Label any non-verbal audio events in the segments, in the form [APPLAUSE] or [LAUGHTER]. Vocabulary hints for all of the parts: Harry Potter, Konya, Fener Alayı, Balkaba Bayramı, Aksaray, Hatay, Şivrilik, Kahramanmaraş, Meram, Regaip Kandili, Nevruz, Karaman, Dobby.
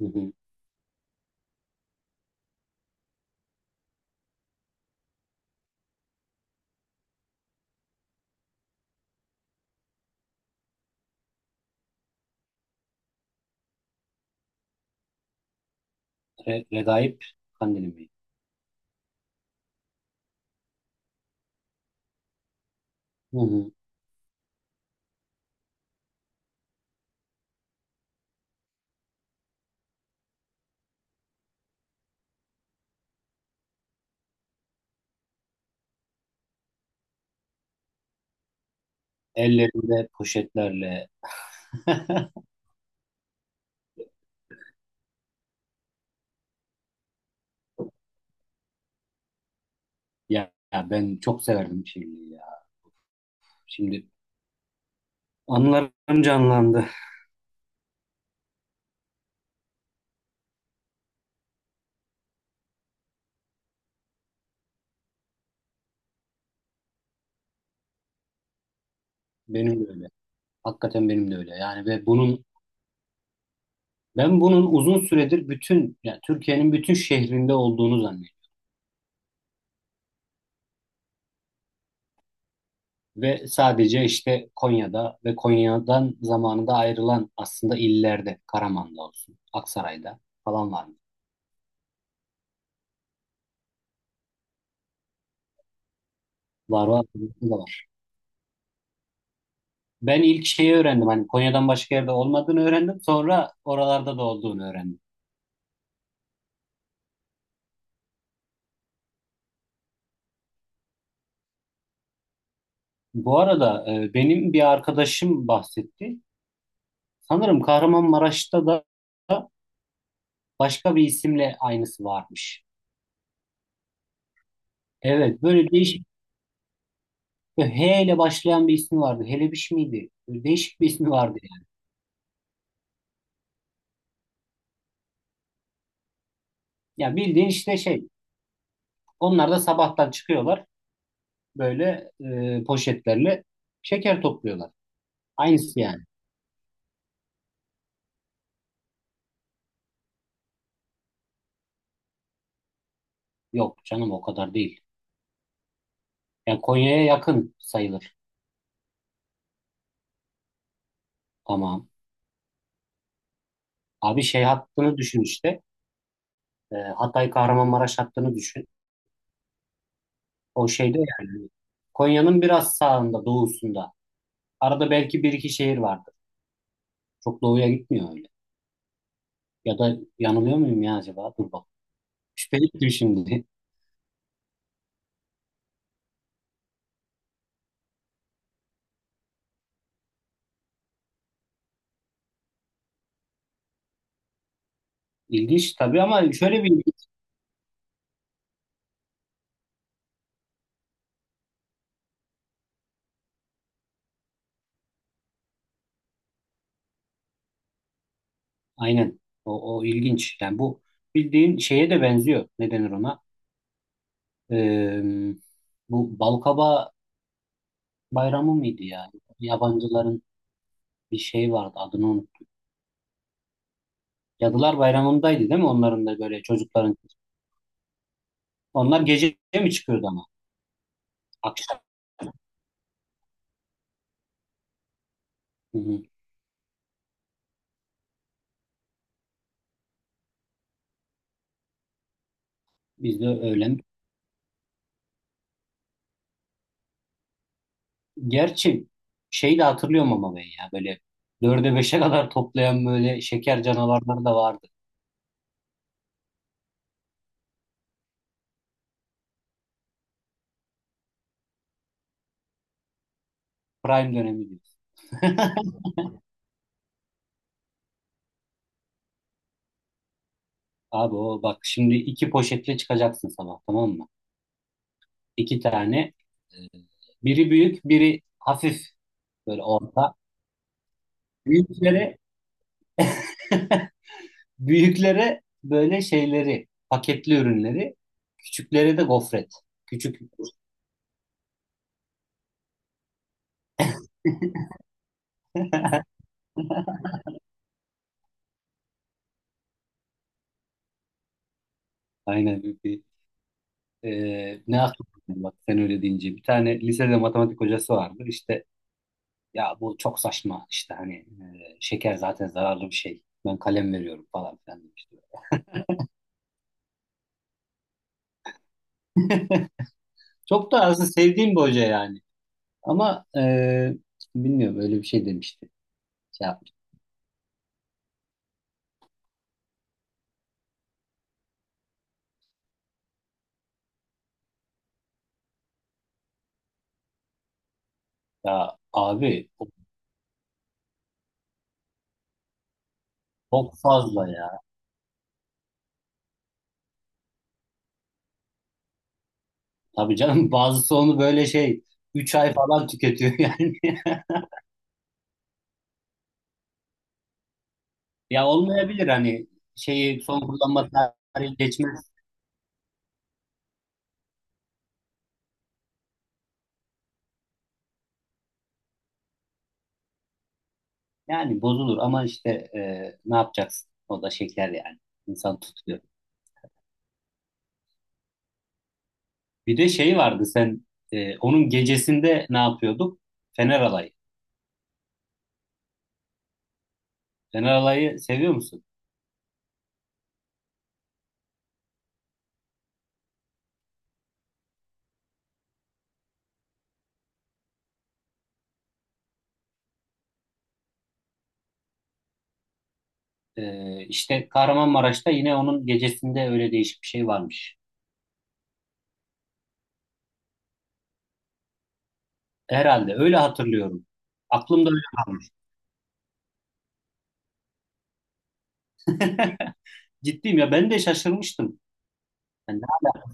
Hı hı. Regaip Kandili mi? Hı hı. Ellerinde poşetlerle. Ya, ben çok severdim şiirliği ya. Şimdi anılarım canlandı. Benim de öyle. Hakikaten benim de öyle. Yani ve bunun uzun süredir bütün yani Türkiye'nin bütün şehrinde olduğunu zannediyorum. Ve sadece işte Konya'da ve Konya'dan zamanında ayrılan aslında illerde, Karaman'da olsun, Aksaray'da falan var. Var, var. Var. Ben ilk şeyi öğrendim. Hani Konya'dan başka yerde olmadığını öğrendim. Sonra oralarda da olduğunu öğrendim. Bu arada benim bir arkadaşım bahsetti. Sanırım Kahramanmaraş'ta da başka bir isimle aynısı varmış. Evet, böyle değişik H ile başlayan bir ismi vardı. Helebiş miydi? Böyle değişik bir ismi vardı yani. Ya bildiğin işte şey. Onlar da sabahtan çıkıyorlar. Böyle poşetlerle şeker topluyorlar. Aynısı yani. Yok canım o kadar değil. Yani Konya'ya yakın sayılır. Tamam. Abi şey hattını düşün işte. Hatay Kahramanmaraş hattını düşün. O şeyde yani. Konya'nın biraz sağında, doğusunda. Arada belki bir iki şehir vardır. Çok doğuya gitmiyor öyle. Ya da yanılıyor muyum ya acaba? Dur bak. Şüpheli ettim şimdi. [LAUGHS] İlginç tabii ama şöyle bir ilginç. Aynen. O ilginç. Yani bu bildiğin şeye de benziyor. Ne denir ona? Ee, Bu Balkaba Bayramı mıydı ya? Yabancıların bir şey vardı. Adını unuttum. Cadılar Bayramı'ndaydı değil mi? Onların da böyle çocukların. Onlar gece mi çıkıyordu ama? Akşam. Hı hı. Biz de öğlen. Gerçi şey de hatırlıyorum ama ben ya böyle dörde beşe kadar toplayan böyle şeker canavarları da vardı. Prime dönemi diyor. [LAUGHS] Abi o bak şimdi iki poşetle çıkacaksın sabah, tamam mı? İki tane. e, Biri büyük, biri hafif böyle orta. Büyüklere [LAUGHS] büyüklere böyle şeyleri, paketli ürünleri, küçüklere de gofret. Küçük. Aynen. Ne aklıma, bak sen öyle deyince bir tane lisede matematik hocası vardı işte, ya bu çok saçma işte hani şeker zaten zararlı bir şey, ben kalem veriyorum falan filan demişti. Çok da aslında sevdiğim bir hoca yani ama bilmiyorum öyle bir şey demişti. Şey yaptı. Ya abi o çok fazla ya. Tabii canım, [LAUGHS] bazısı onu böyle şey 3 ay falan tüketiyor yani. [LAUGHS] Ya olmayabilir hani şeyi son kullanma tarihi geçmez. Yani bozulur ama işte ne yapacaksın? O da şeker yani. İnsan tutuyor. Bir de şey vardı sen, onun gecesinde ne yapıyorduk? Fener alayı. Fener alayı seviyor musun? İşte Kahramanmaraş'ta yine onun gecesinde öyle değişik bir şey varmış. Herhalde öyle hatırlıyorum. Aklımda öyle kalmış. [LAUGHS] Ciddiyim, ya ben de şaşırmıştım. Yani hala,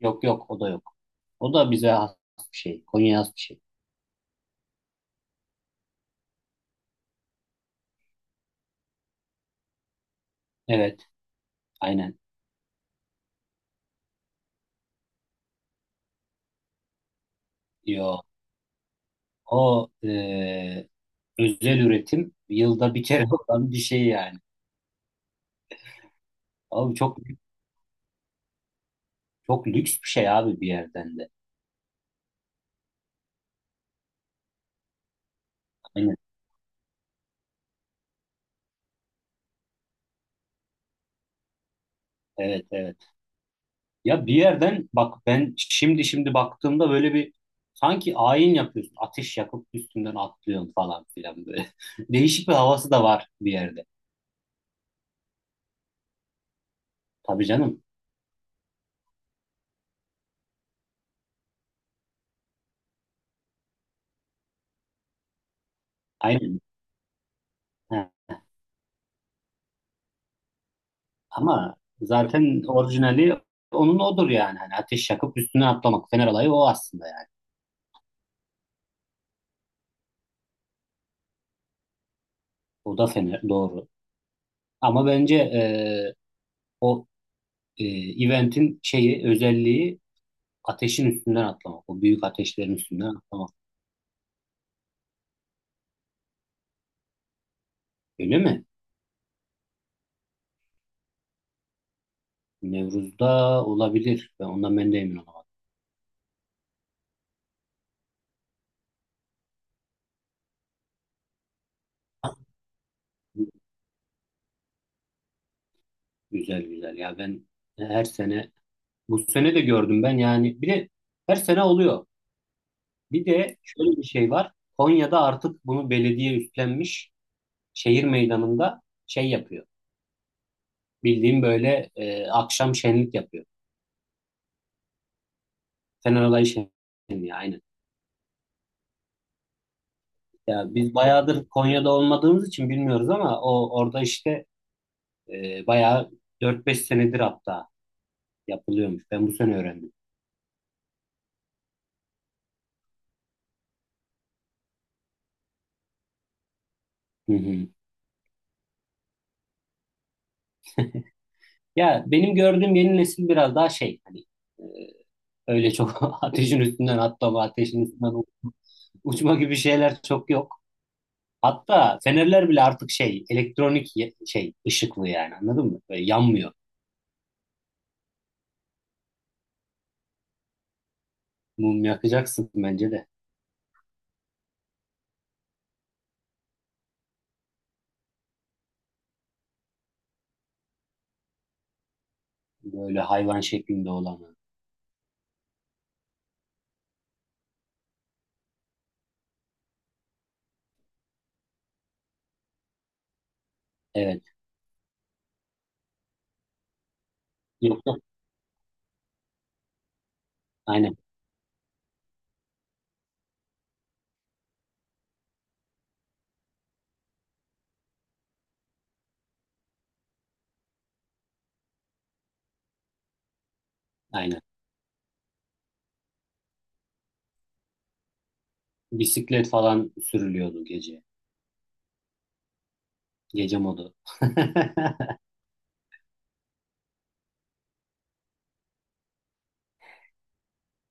yok yok, o da yok. O da bize has bir şey. Konya'ya has bir şey. Evet, aynen. Yo. O özel üretim yılda bir kere olan bir şey yani. Abi çok çok lüks bir şey abi bir yerden de. Aynen. Evet, evet. Ya bir yerden bak, ben şimdi baktığımda böyle bir sanki ayin yapıyorsun. Ateş yakıp üstünden atlıyorsun falan filan böyle. [LAUGHS] Değişik bir havası da var bir yerde. Tabii canım. Aynen. Ha, ama zaten orijinali onun odur yani. Hani ateş yakıp üstüne atlamak. Fener olayı o aslında yani. O da fener, doğru. Ama bence o e, eventin şeyi, özelliği ateşin üstünden atlamak. O büyük ateşlerin üstünden atlamak. Öyle mi? Nevruz'da olabilir. Ben de emin olamadım. Güzel güzel. Ya ben her sene, bu sene de gördüm ben yani. Bir de her sene oluyor. Bir de şöyle bir şey var. Konya'da artık bunu belediye üstlenmiş. Şehir meydanında şey yapıyor. Bildiğim böyle, akşam şenlik yapıyor. Fener Alayı şenliği. Aynen. Ya biz bayağıdır Konya'da olmadığımız için bilmiyoruz ama o orada işte bayağı 4-5 senedir hatta yapılıyormuş. Ben bu sene öğrendim. Hı hı. Ya benim gördüğüm yeni nesil biraz daha şey hani, e, öyle çok [LAUGHS] ateşin üstünden atlama, ateşin üstünden uçma gibi şeyler çok yok. Hatta fenerler bile artık şey, elektronik şey ışıklı yani, anladın mı? Böyle yanmıyor. Mum yakacaksın bence de. Böyle hayvan şeklinde olanı. Evet. Yok, yok. Aynen. Aynen. Bisiklet falan sürülüyordu gece. Gece modu. [LAUGHS]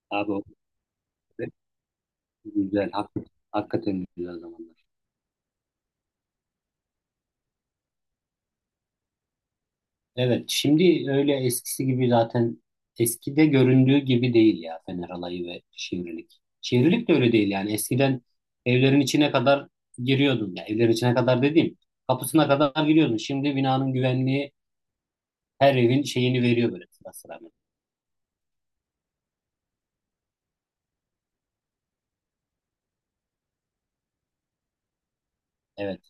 Abi o güzel. Hakikaten güzel zamanlar. Evet, şimdi öyle eskisi gibi zaten, eskide göründüğü gibi değil ya Fener Alayı ve Şivrilik. Şivrilik de öyle değil yani. Eskiden evlerin içine kadar giriyordun. Ya evlerin içine kadar dediğim kapısına kadar giriyordun. Şimdi binanın güvenliği her evin şeyini veriyor böyle sıra sıra. Evet.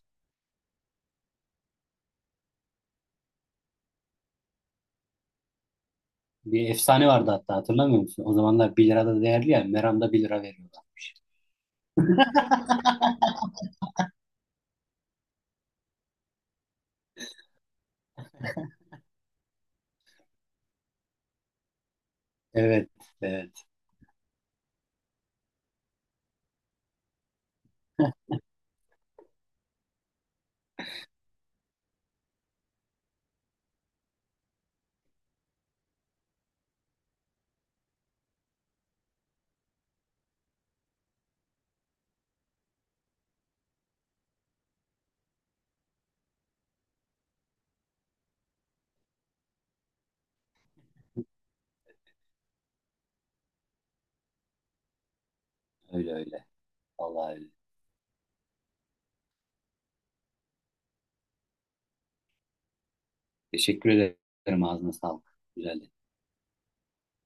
Bir efsane vardı, hatta hatırlamıyor musun? O zamanlar 1 lira da değerli ya. Meram'da 1 lira veriyorlarmış. [LAUGHS] Evet, evet. [LAUGHS] Öyle öyle. Vallahi öyle. Teşekkür ederim. Ağzına sağlık. Güzel